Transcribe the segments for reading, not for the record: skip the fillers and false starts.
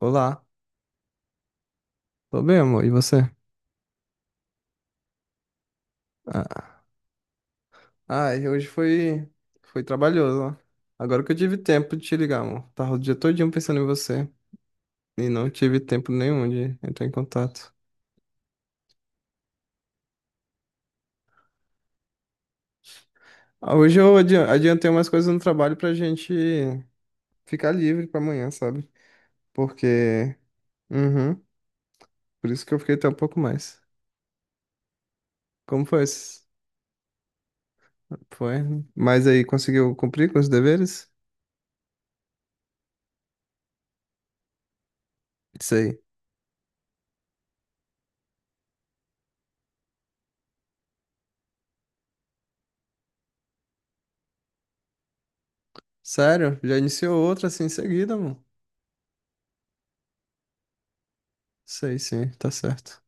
Olá, tô bem, amor. E você? Ah, hoje foi trabalhoso, ó. Agora que eu tive tempo de te ligar, amor. Tava o dia todinho pensando em você e não tive tempo nenhum de entrar em contato. Ah, hoje eu adiantei umas coisas no trabalho pra gente ficar livre pra amanhã, sabe? Porque, uhum, por isso que eu fiquei até um pouco mais. Como foi? Foi, né? Mas aí conseguiu cumprir com os deveres? Isso aí. Sério? Já iniciou outra assim em seguida, amor? Sei, sim, tá certo.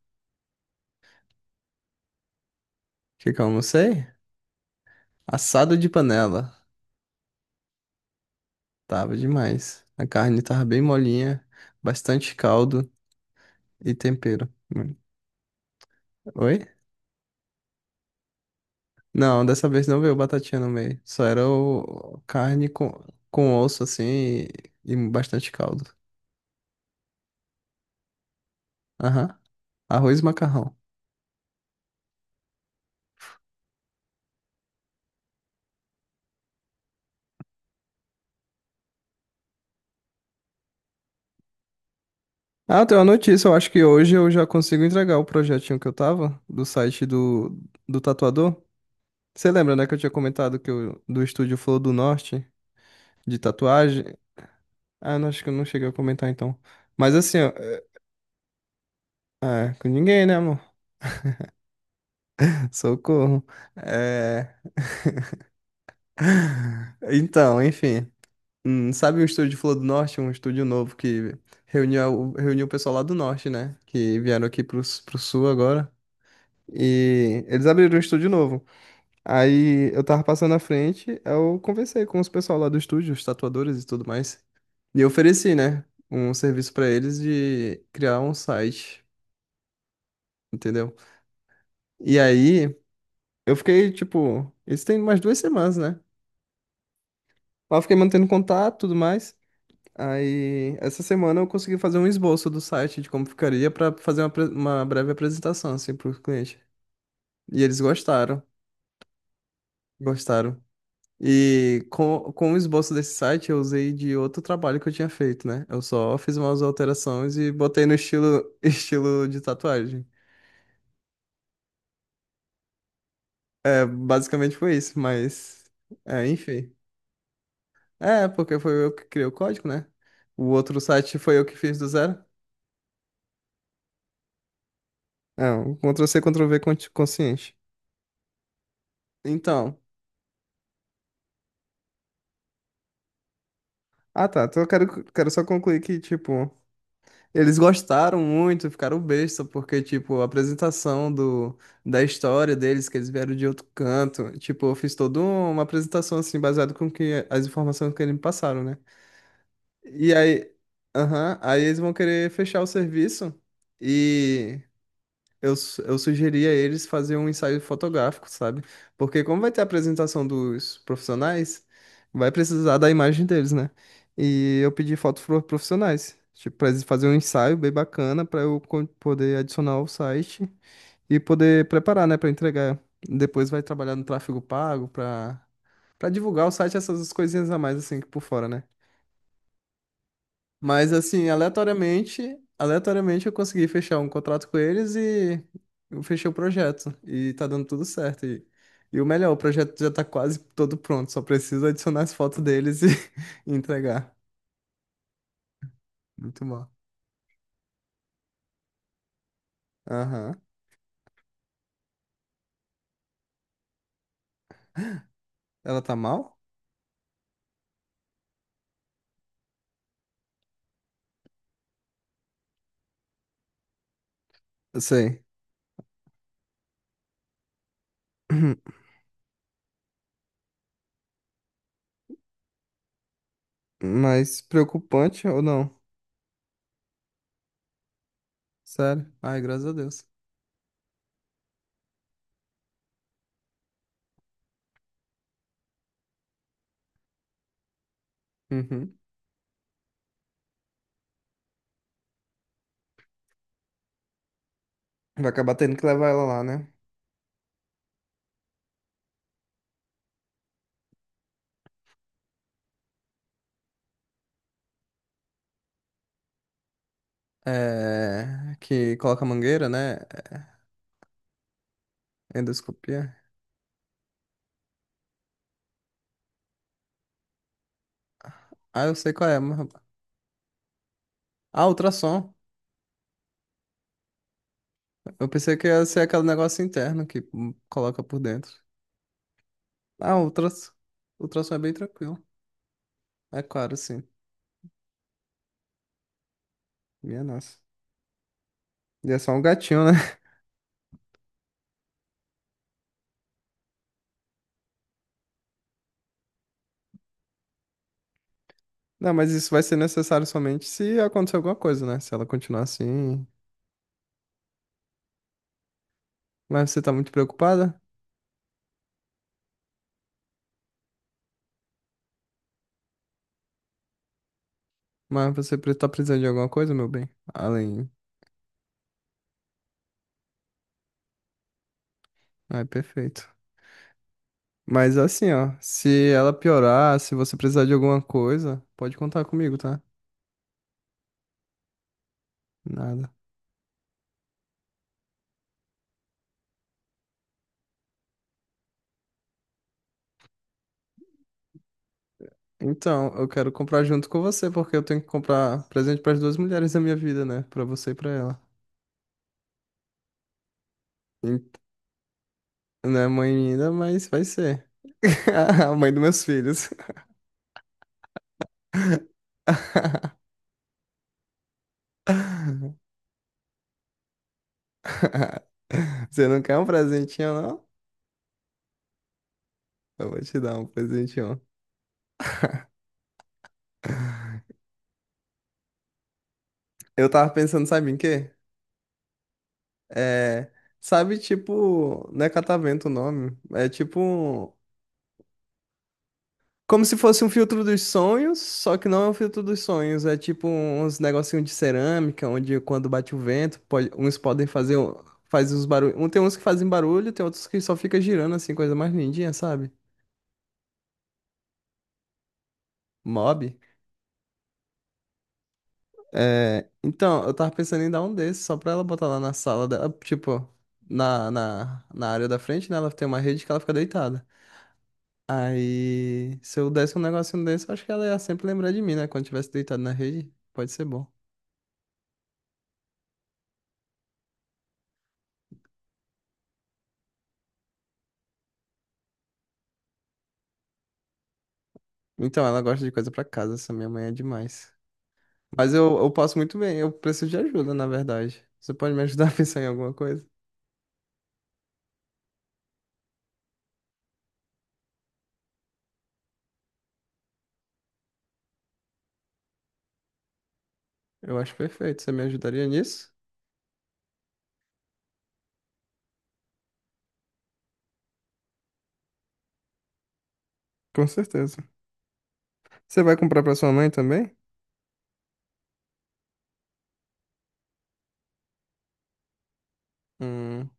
Que eu almocei? Assado de panela. Tava demais. A carne tava bem molinha, bastante caldo e tempero. Hum. Oi? Não, dessa vez não veio batatinha no meio. Só era o carne com osso assim e bastante caldo. Aham. Arroz e macarrão. Ah, eu tenho uma notícia. Eu acho que hoje eu já consigo entregar o projetinho que eu tava do site do, do tatuador. Você lembra, né, que eu tinha comentado que eu, do estúdio Flor do Norte de tatuagem? Ah, não, acho que eu não cheguei a comentar então. Mas assim, ó, com ninguém, né, amor? Socorro. É... Então, enfim. Sabe o estúdio de Flor do Norte? Um estúdio novo que reuniu o pessoal lá do Norte, né? Que vieram aqui pro, pro Sul agora. E eles abriram um estúdio novo. Aí eu tava passando à frente, eu conversei com os pessoal lá do estúdio, os tatuadores e tudo mais. E eu ofereci, né? Um serviço pra eles de criar um site, entendeu? E aí. Eu fiquei, tipo, isso tem umas duas semanas, né? Lá eu fiquei mantendo contato e tudo mais. Aí, essa semana eu consegui fazer um esboço do site de como ficaria pra fazer uma, uma breve apresentação, assim, pro cliente. E eles gostaram, gostaram. E com o esboço desse site eu usei de outro trabalho que eu tinha feito, né? Eu só fiz umas alterações e botei no estilo, estilo de tatuagem. É, basicamente foi isso, mas... É, enfim. É, porque foi eu que criei o código, né? O outro site foi eu que fiz do zero. É, um Ctrl-C, Ctrl-V consciente. Então, ah tá, então eu quero só concluir que, tipo, eles gostaram muito, ficaram besta, porque, tipo, a apresentação do, da história deles, que eles vieram de outro canto, tipo, eu fiz toda uma apresentação, assim, baseada com que, as informações que eles me passaram, né? E aí, aham, aí eles vão querer fechar o serviço e... eu sugeri a eles fazer um ensaio fotográfico, sabe? Porque como vai ter a apresentação dos profissionais, vai precisar da imagem deles, né? E eu pedi fotos profissionais, tipo, pra eles fazerem um ensaio bem bacana pra eu poder adicionar ao site e poder preparar, né, pra entregar. Depois vai trabalhar no tráfego pago pra para divulgar o site, essas coisinhas a mais assim por fora, né? Mas assim, aleatoriamente eu consegui fechar um contrato com eles e eu fechei o projeto. E tá dando tudo certo. E o melhor, o projeto já tá quase todo pronto, só preciso adicionar as fotos deles e, e entregar. Muito bom. Aham. Ela tá mal? Eu sei. Mas preocupante ou não? Sério? Ai, graças a Deus. Uhum. Vai acabar tendo que levar ela lá, né? É, que coloca mangueira, né? Endoscopia. Ah, eu sei qual é. Ah, ultrassom. Eu pensei que ia ser aquele negócio interno que coloca por dentro. Ah, o ultrassom. O ultrassom é bem tranquilo. É claro, sim. Minha nossa. E é só um gatinho, né? Não, mas isso vai ser necessário somente se acontecer alguma coisa, né? Se ela continuar assim. Mas você tá muito preocupada? Mas você tá precisando de alguma coisa, meu bem? Além. Ah, é perfeito. Mas assim, ó. Se ela piorar, se você precisar de alguma coisa, pode contar comigo, tá? Nada. Então, eu quero comprar junto com você, porque eu tenho que comprar presente para as duas mulheres da minha vida, né? Para você e para ela. E não é mãe ainda, mas vai ser. A mãe dos meus filhos. Você não quer um presentinho, não? Eu vou te dar um presentinho. Eu tava pensando, sabe em quê? É, sabe, tipo, não é catavento o nome. É tipo um como se fosse um filtro dos sonhos, só que não é um filtro dos sonhos. É tipo uns negocinhos de cerâmica, onde quando bate o vento, uns podem fazer faz uns barulhos. Um, tem uns que fazem barulho, tem outros que só fica girando assim, coisa mais lindinha, sabe? Mob. É, então, eu tava pensando em dar um desses, só pra ela botar lá na sala dela, tipo, na área da frente, né? Ela tem uma rede que ela fica deitada. Aí, se eu desse um negocinho desse, eu acho que ela ia sempre lembrar de mim, né? Quando tivesse deitado na rede, pode ser bom. Então, ela gosta de coisa pra casa, essa minha mãe é demais. Mas eu passo muito bem, eu preciso de ajuda, na verdade. Você pode me ajudar a pensar em alguma coisa? Eu acho perfeito, você me ajudaria nisso? Com certeza. Você vai comprar pra sua mãe também? Hum,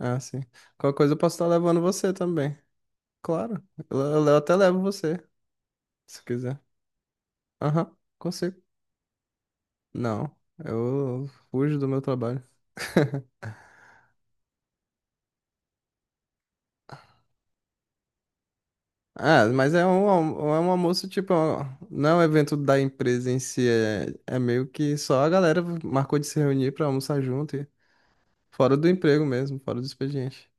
ah, sim. Qualquer coisa eu posso estar levando você também. Claro, eu, eu até levo você, se quiser. Aham, consigo. Não, eu fujo do meu trabalho. Ah, mas é um, é um almoço, tipo, é um, não é um evento da empresa em si, é meio que só a galera marcou de se reunir pra almoçar junto, e fora do emprego mesmo, fora do expediente.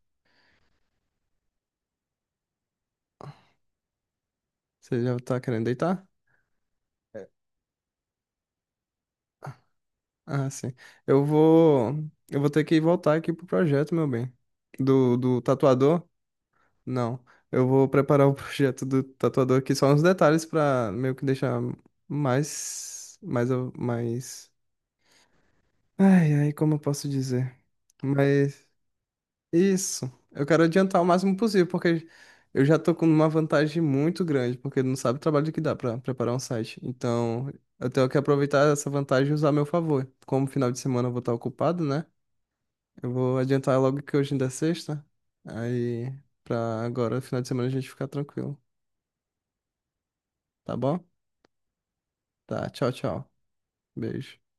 Você já tá querendo deitar? É. Ah, sim. Eu vou, eu vou ter que voltar aqui pro projeto, meu bem. Do tatuador? Não. Eu vou preparar o projeto do tatuador aqui, só uns detalhes pra meio que deixar mais, mais, mais... Ai, ai, como eu posso dizer? Mas... Isso. Eu quero adiantar o máximo possível, porque eu já tô com uma vantagem muito grande, porque não sabe o trabalho que dá pra preparar um site. Então, eu tenho que aproveitar essa vantagem e usar a meu favor. Como final de semana eu vou estar ocupado, né? Eu vou adiantar logo que hoje ainda é sexta. Aí, pra agora, final de semana a gente ficar tranquilo. Tá bom? Tá. Tchau, tchau. Beijo.